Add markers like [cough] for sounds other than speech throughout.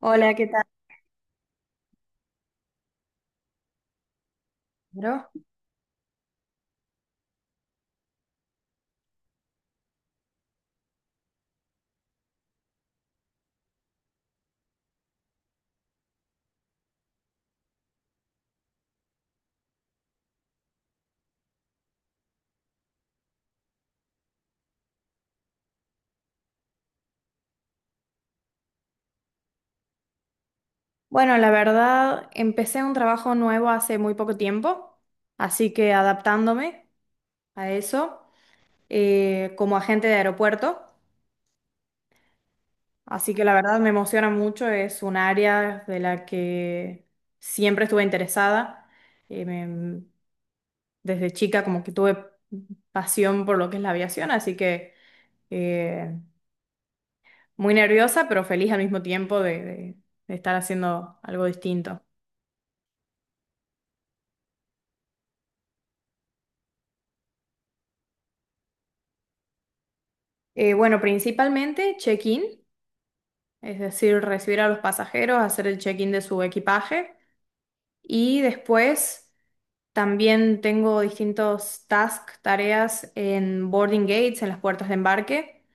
Hola, ¿qué tal? ¿Caro? Bueno, la verdad, empecé un trabajo nuevo hace muy poco tiempo, así que adaptándome a eso, como agente de aeropuerto, así que la verdad me emociona mucho. Es un área de la que siempre estuve interesada. eh, me- Desde chica como que tuve pasión por lo que es la aviación, así que eh, muy nerviosa, pero feliz al mismo tiempo de estar haciendo algo distinto. Bueno, principalmente check-in, es decir, recibir a los pasajeros, hacer el check-in de su equipaje, y después también tengo distintos tasks, tareas en boarding gates, en las puertas de embarque,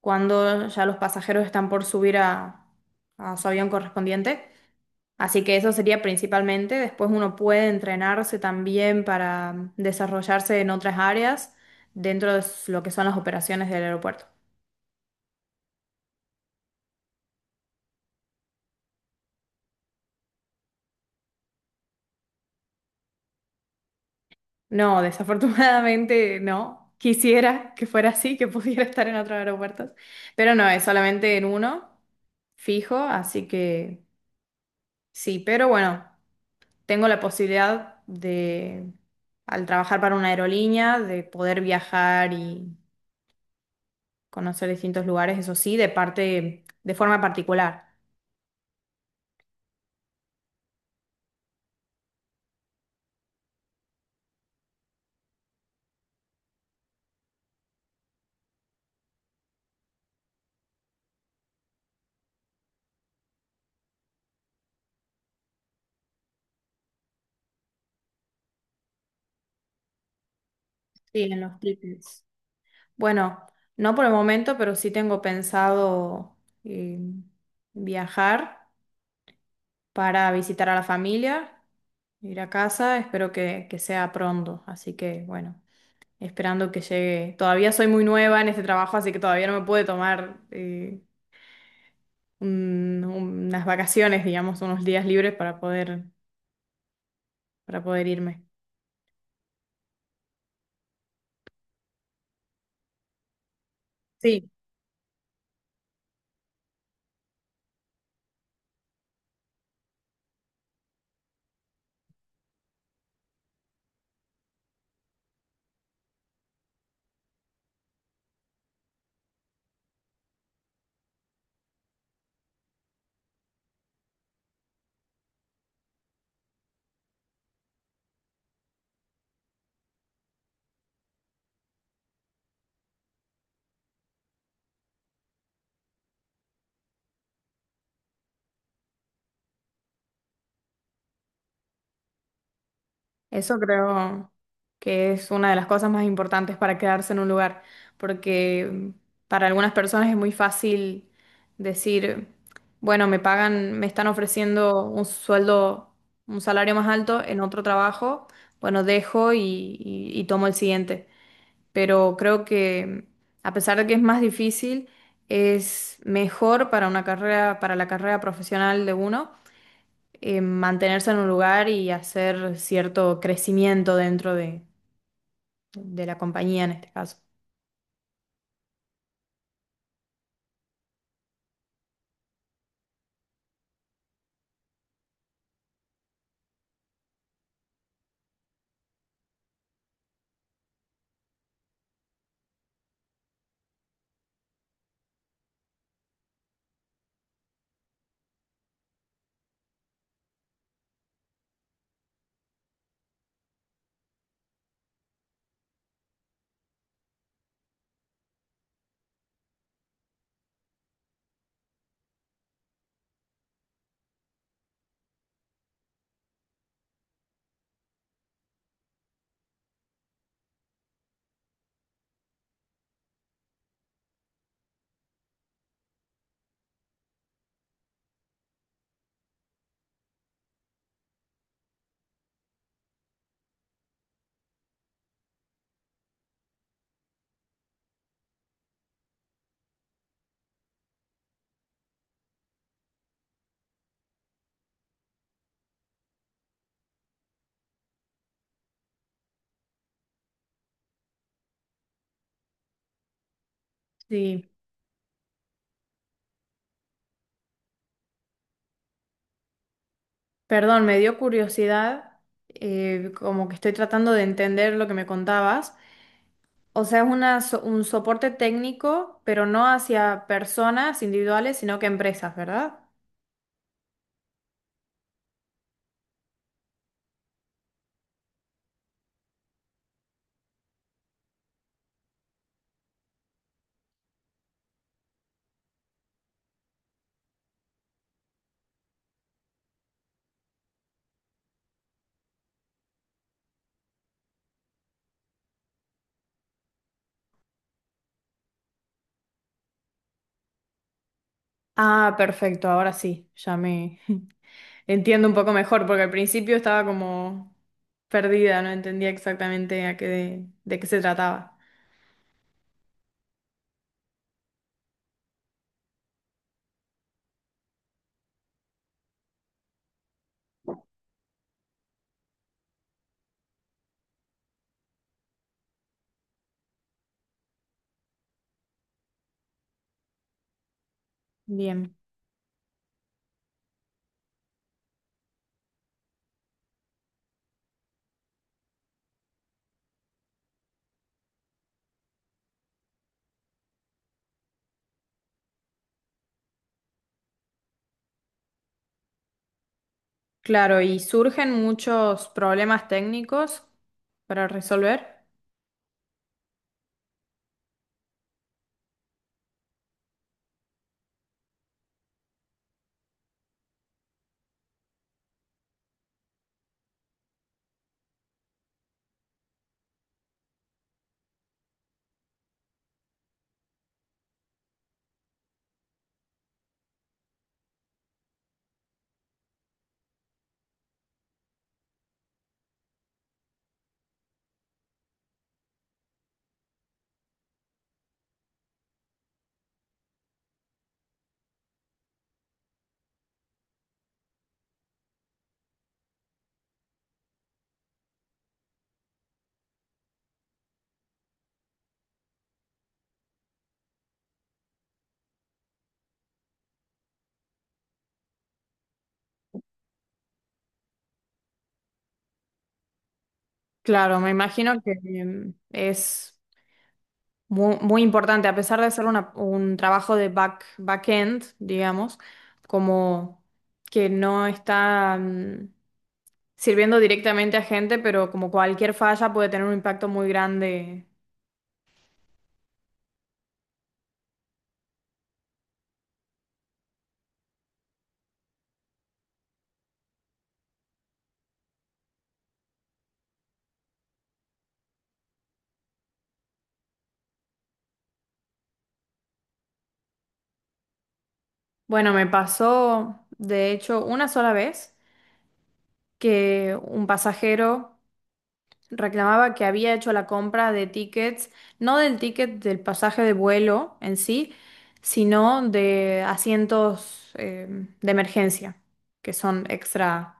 cuando ya los pasajeros están por a su avión correspondiente. Así que eso sería principalmente. Después uno puede entrenarse también para desarrollarse en otras áreas dentro de lo que son las operaciones del aeropuerto. No, desafortunadamente no. Quisiera que fuera así, que pudiera estar en otros aeropuertos, pero no, es solamente en uno fijo, así que sí. Pero bueno, tengo la posibilidad de, al trabajar para una aerolínea, de poder viajar y conocer distintos lugares, eso sí, de parte, de forma particular. Sí, en los tickets. Bueno, no por el momento, pero sí tengo pensado eh, viajar, para visitar a la familia, ir a casa. Espero que sea pronto, así que bueno, esperando que llegue. Todavía soy muy nueva en este trabajo, así que todavía no me puede tomar unas vacaciones, digamos, unos días libres para poder irme. Sí. Eso creo que es una de las cosas más importantes para quedarse en un lugar, porque para algunas personas es muy fácil decir, bueno, me pagan, me están ofreciendo un sueldo, un salario más alto en otro trabajo, bueno, dejo y tomo el siguiente. Pero creo que a pesar de que es más difícil, es mejor para una carrera, para la carrera profesional de uno, mantenerse en un lugar y hacer cierto crecimiento dentro de la compañía en este caso. Sí, perdón, me dio curiosidad. Como que estoy tratando de entender lo que me contabas. O sea, es una, un soporte técnico, pero no hacia personas individuales, sino que empresas, ¿verdad? Ah, perfecto, ahora sí, ya me [laughs] entiendo un poco mejor, porque al principio estaba como perdida, no entendía exactamente a qué de qué se trataba. Bien. Claro, y surgen muchos problemas técnicos para resolver. Claro, me imagino que es muy importante, a pesar de ser un trabajo de back-end, digamos, como que no está mm, sirviendo directamente a gente, pero como cualquier falla puede tener un impacto muy grande. Bueno, me pasó, de hecho, una sola vez que un pasajero reclamaba que había hecho la compra de tickets, no del ticket del pasaje de vuelo en sí, sino de asientos de emergencia, que son extra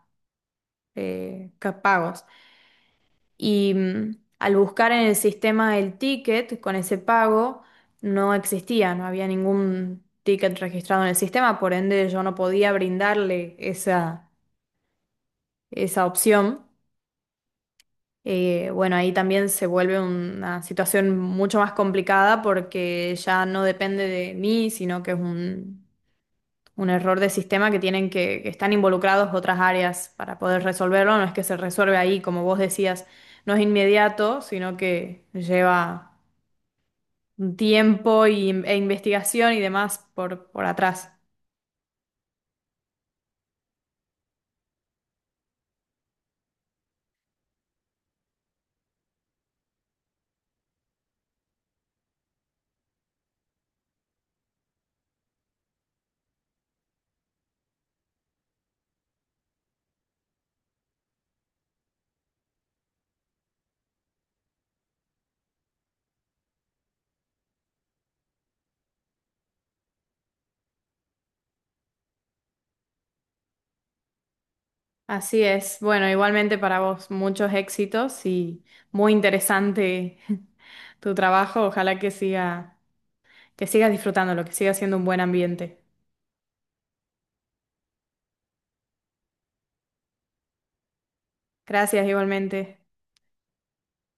pagos. Y mm, al buscar en el sistema el ticket con ese pago, no existía, no había ningún ticket registrado en el sistema, por ende yo no podía brindarle esa, esa opción. Bueno, ahí también se vuelve una situación mucho más complicada porque ya no depende de mí, sino que es un error de sistema que tienen que están involucrados otras áreas para poder resolverlo. No es que se resuelve ahí, como vos decías, no es inmediato, sino que lleva un tiempo e investigación y demás por atrás. Así es. Bueno, igualmente para vos muchos éxitos y muy interesante [laughs] tu trabajo. Ojalá que siga. Que sigas disfrutando, lo que siga siendo un buen ambiente. Gracias igualmente.